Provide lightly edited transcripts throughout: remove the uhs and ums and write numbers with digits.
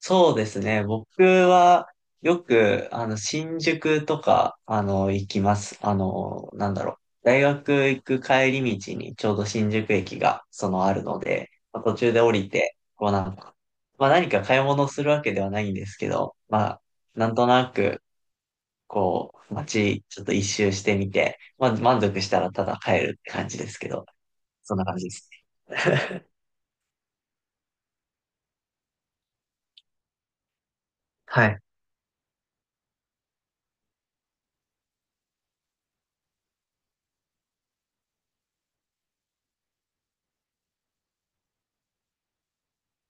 そうですね。僕はよく、新宿とか、行きます。大学行く帰り道にちょうど新宿駅が、あるので、まあ途中で降りて、こうなんか、まあ何か買い物するわけではないんですけど、まあ、なんとなく、こう、街、ちょっと一周してみて、まあ満足したらただ帰るって感じですけど、そんな感じですね。はい。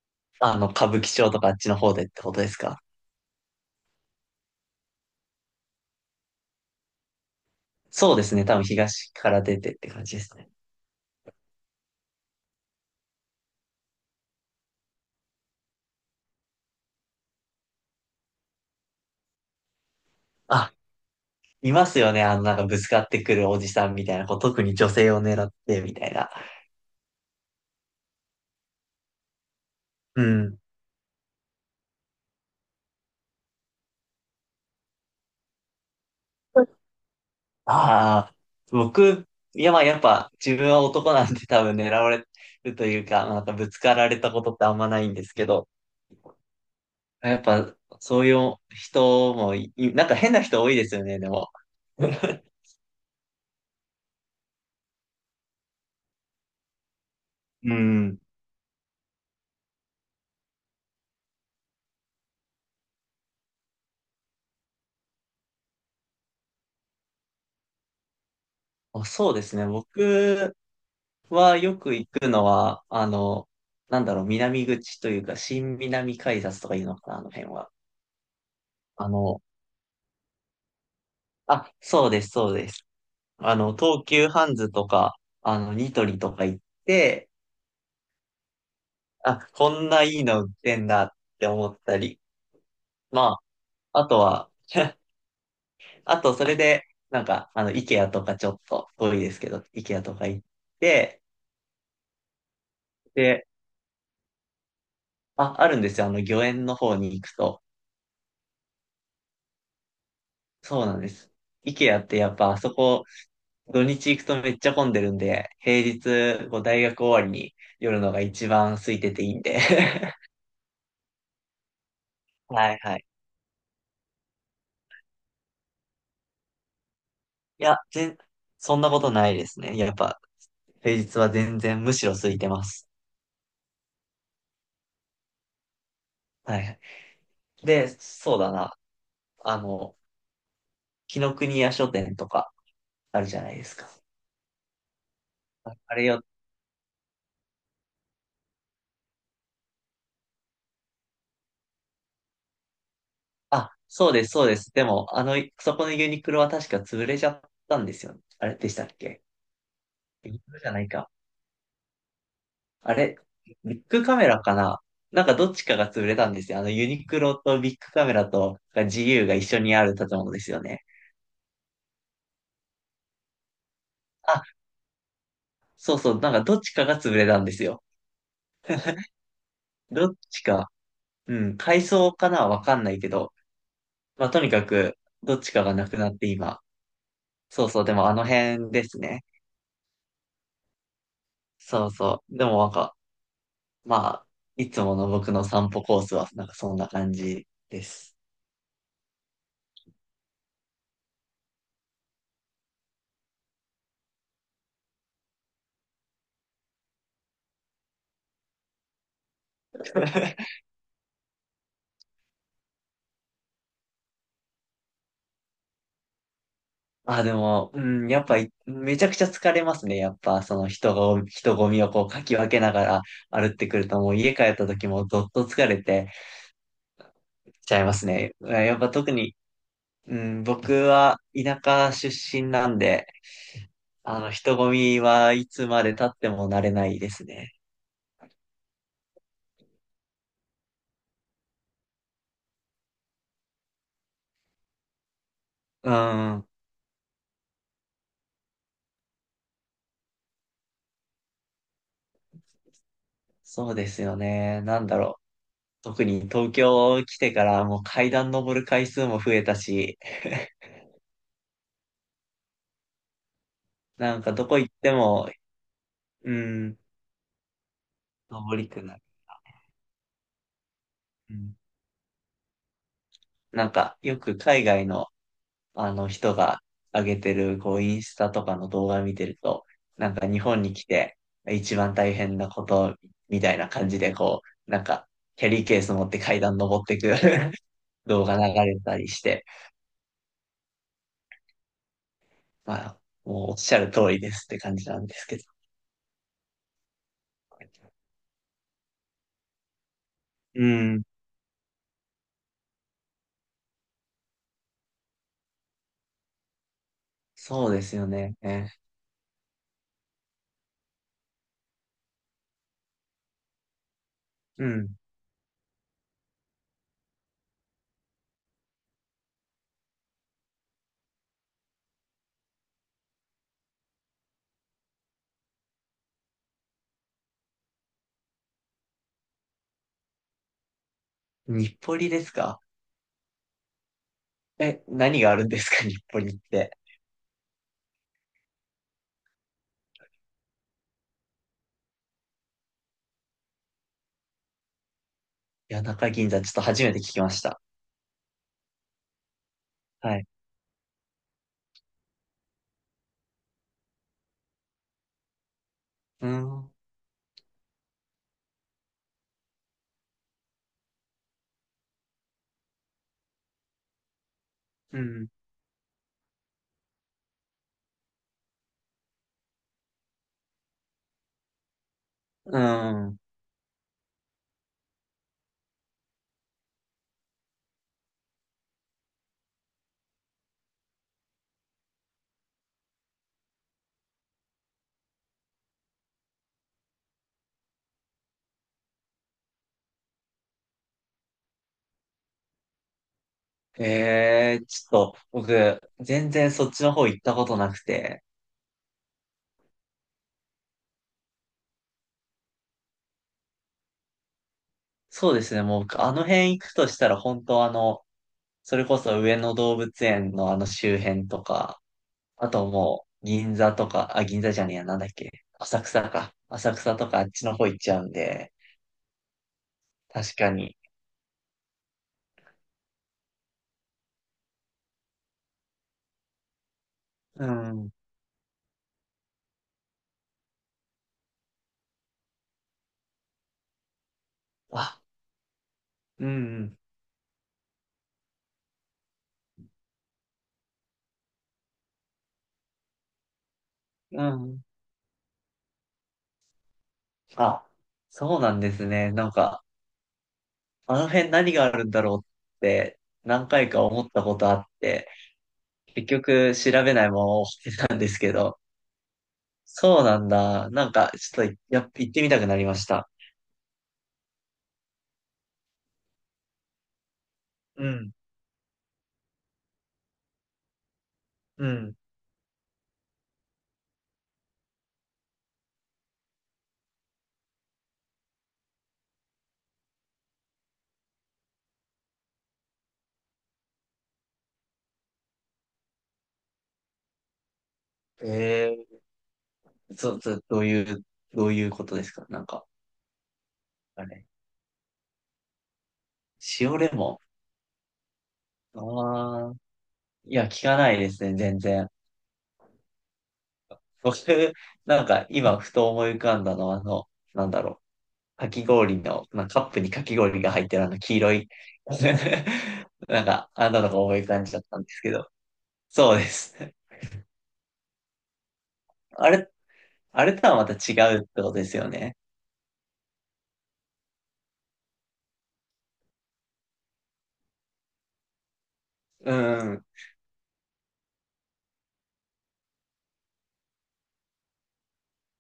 歌舞伎町とかあっちの方でってことですか？そうですね。多分東から出てって感じですね。あ、いますよね。なんかぶつかってくるおじさんみたいな、こう、特に女性を狙ってみたいな。うん。ああ、僕、いや、まあ、やっぱ、自分は男なんで多分狙われるというか、なんかぶつかられたことってあんまないんですけど、やっぱ、そういう人もい、なんか変な人多いですよね、でも。うん。あ、そうですね。僕はよく行くのは、南口というか、新南改札とかいうのかな、あの辺は。あの、あ、そうです、そうです。東急ハンズとか、ニトリとか行って、あ、こんないいの売ってんだって思ったり、まあ、あとは、あと、それで、イケアとかちょっと遠いですけど、イケアとか行って、で、あ、あるんですよ、御苑の方に行くと。そうなんです。IKEA ってやっぱあそこ、土日行くとめっちゃ混んでるんで、平日、こう大学終わりに寄るのが一番空いてていいんで。はいはい。いや、全、そんなことないですね。やっぱ、平日は全然むしろ空いてます。はいはい。で、そうだな。あの、紀の国屋書店とかあるじゃないですか。ああれよ、あ、そうです、そうです。でも、そこのユニクロは確か潰れちゃったんですよ。あれでしたっけ？ユニクロじゃないか。あれ、ビッグカメラかな？なんかどっちかが潰れたんですよ。ユニクロとビッグカメラと自由が一緒にある建物ですよね。あ、そうそう、なんかどっちかが潰れたんですよ。どっちか、うん、改装かなわかんないけど、まあ、とにかく、どっちかがなくなって今。そうそう、でもあの辺ですね。そうそう。でもなんか、まあ、いつもの僕の散歩コースは、なんかそんな感じです。あ、でも、うん、やっぱい、めちゃくちゃ疲れますね。やっぱ、人混みをこう、かき分けながら歩ってくると、もう家帰った時もどっと疲れてちゃいますね。うんやっぱ特に、うん、僕は田舎出身なんで、人混みはいつまで経っても慣れないですね。うん、そうですよね。なんだろう。特に東京来てからもう階段登る回数も増えたし、なんかどこ行っても、うん、登りくなる。うん、なんか、よく海外の、あの人が上げてる、こう、インスタとかの動画見てると、なんか日本に来て、一番大変なこと、みたいな感じで、こう、なんか、キャリーケース持って階段登ってく 動画流れたりして、まあ、もうおっしゃる通りですって感じなんですけど。うん、そうですよね。ね。うん。日暮里ですか？え、何があるんですか？日暮里って。谷中銀座、ちょっと初めて聞きました。はい。うん。うんうん。ええ、ちょっと、僕、全然そっちの方行ったことなくて。そうですね、もう僕、あの辺行くとしたら、本当あの、それこそ上野動物園のあの周辺とか、あともう、銀座とか、あ、銀座じゃねえや、なんだっけ、浅草か。浅草とかあっちの方行っちゃうんで、確かに。うん。あ、うん、うん。うん、あ、そうなんですね。なんか、あの辺何があるんだろうって、何回か思ったことあって、結局調べないまま終わってたんですけど。そうなんだ。なんか、ちょっと、やっ、行ってみたくなりました。うん、うん。ええそ、そ、どういう、どういうことですか？なんか、あれ。塩レモン。ああ、いや、聞かないですね、全然。僕、なんか、今、ふと思い浮かんだのは、なんだろかき氷の、まあ、カップにかき氷が入ってるあの、黄色い。なんか、あんなのが思い浮かんじゃったんですけど。そうです。あれっあれとはまた違うってことですよね。うん、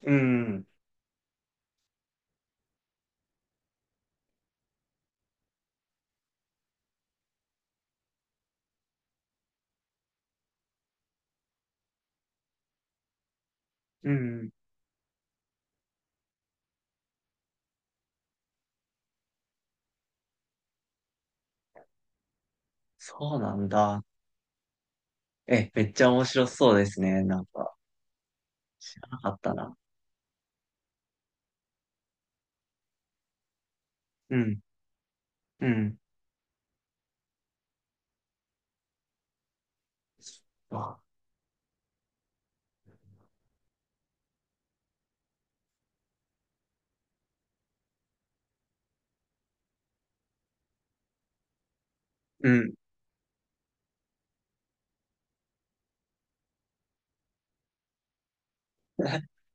うん、うん。そうなんだ。え、めっちゃ面白そうですね。なんか、知らなかったな。うん、うん。あうん。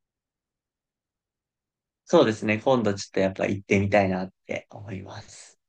そうですね。今度ちょっとやっぱ行ってみたいなって思います。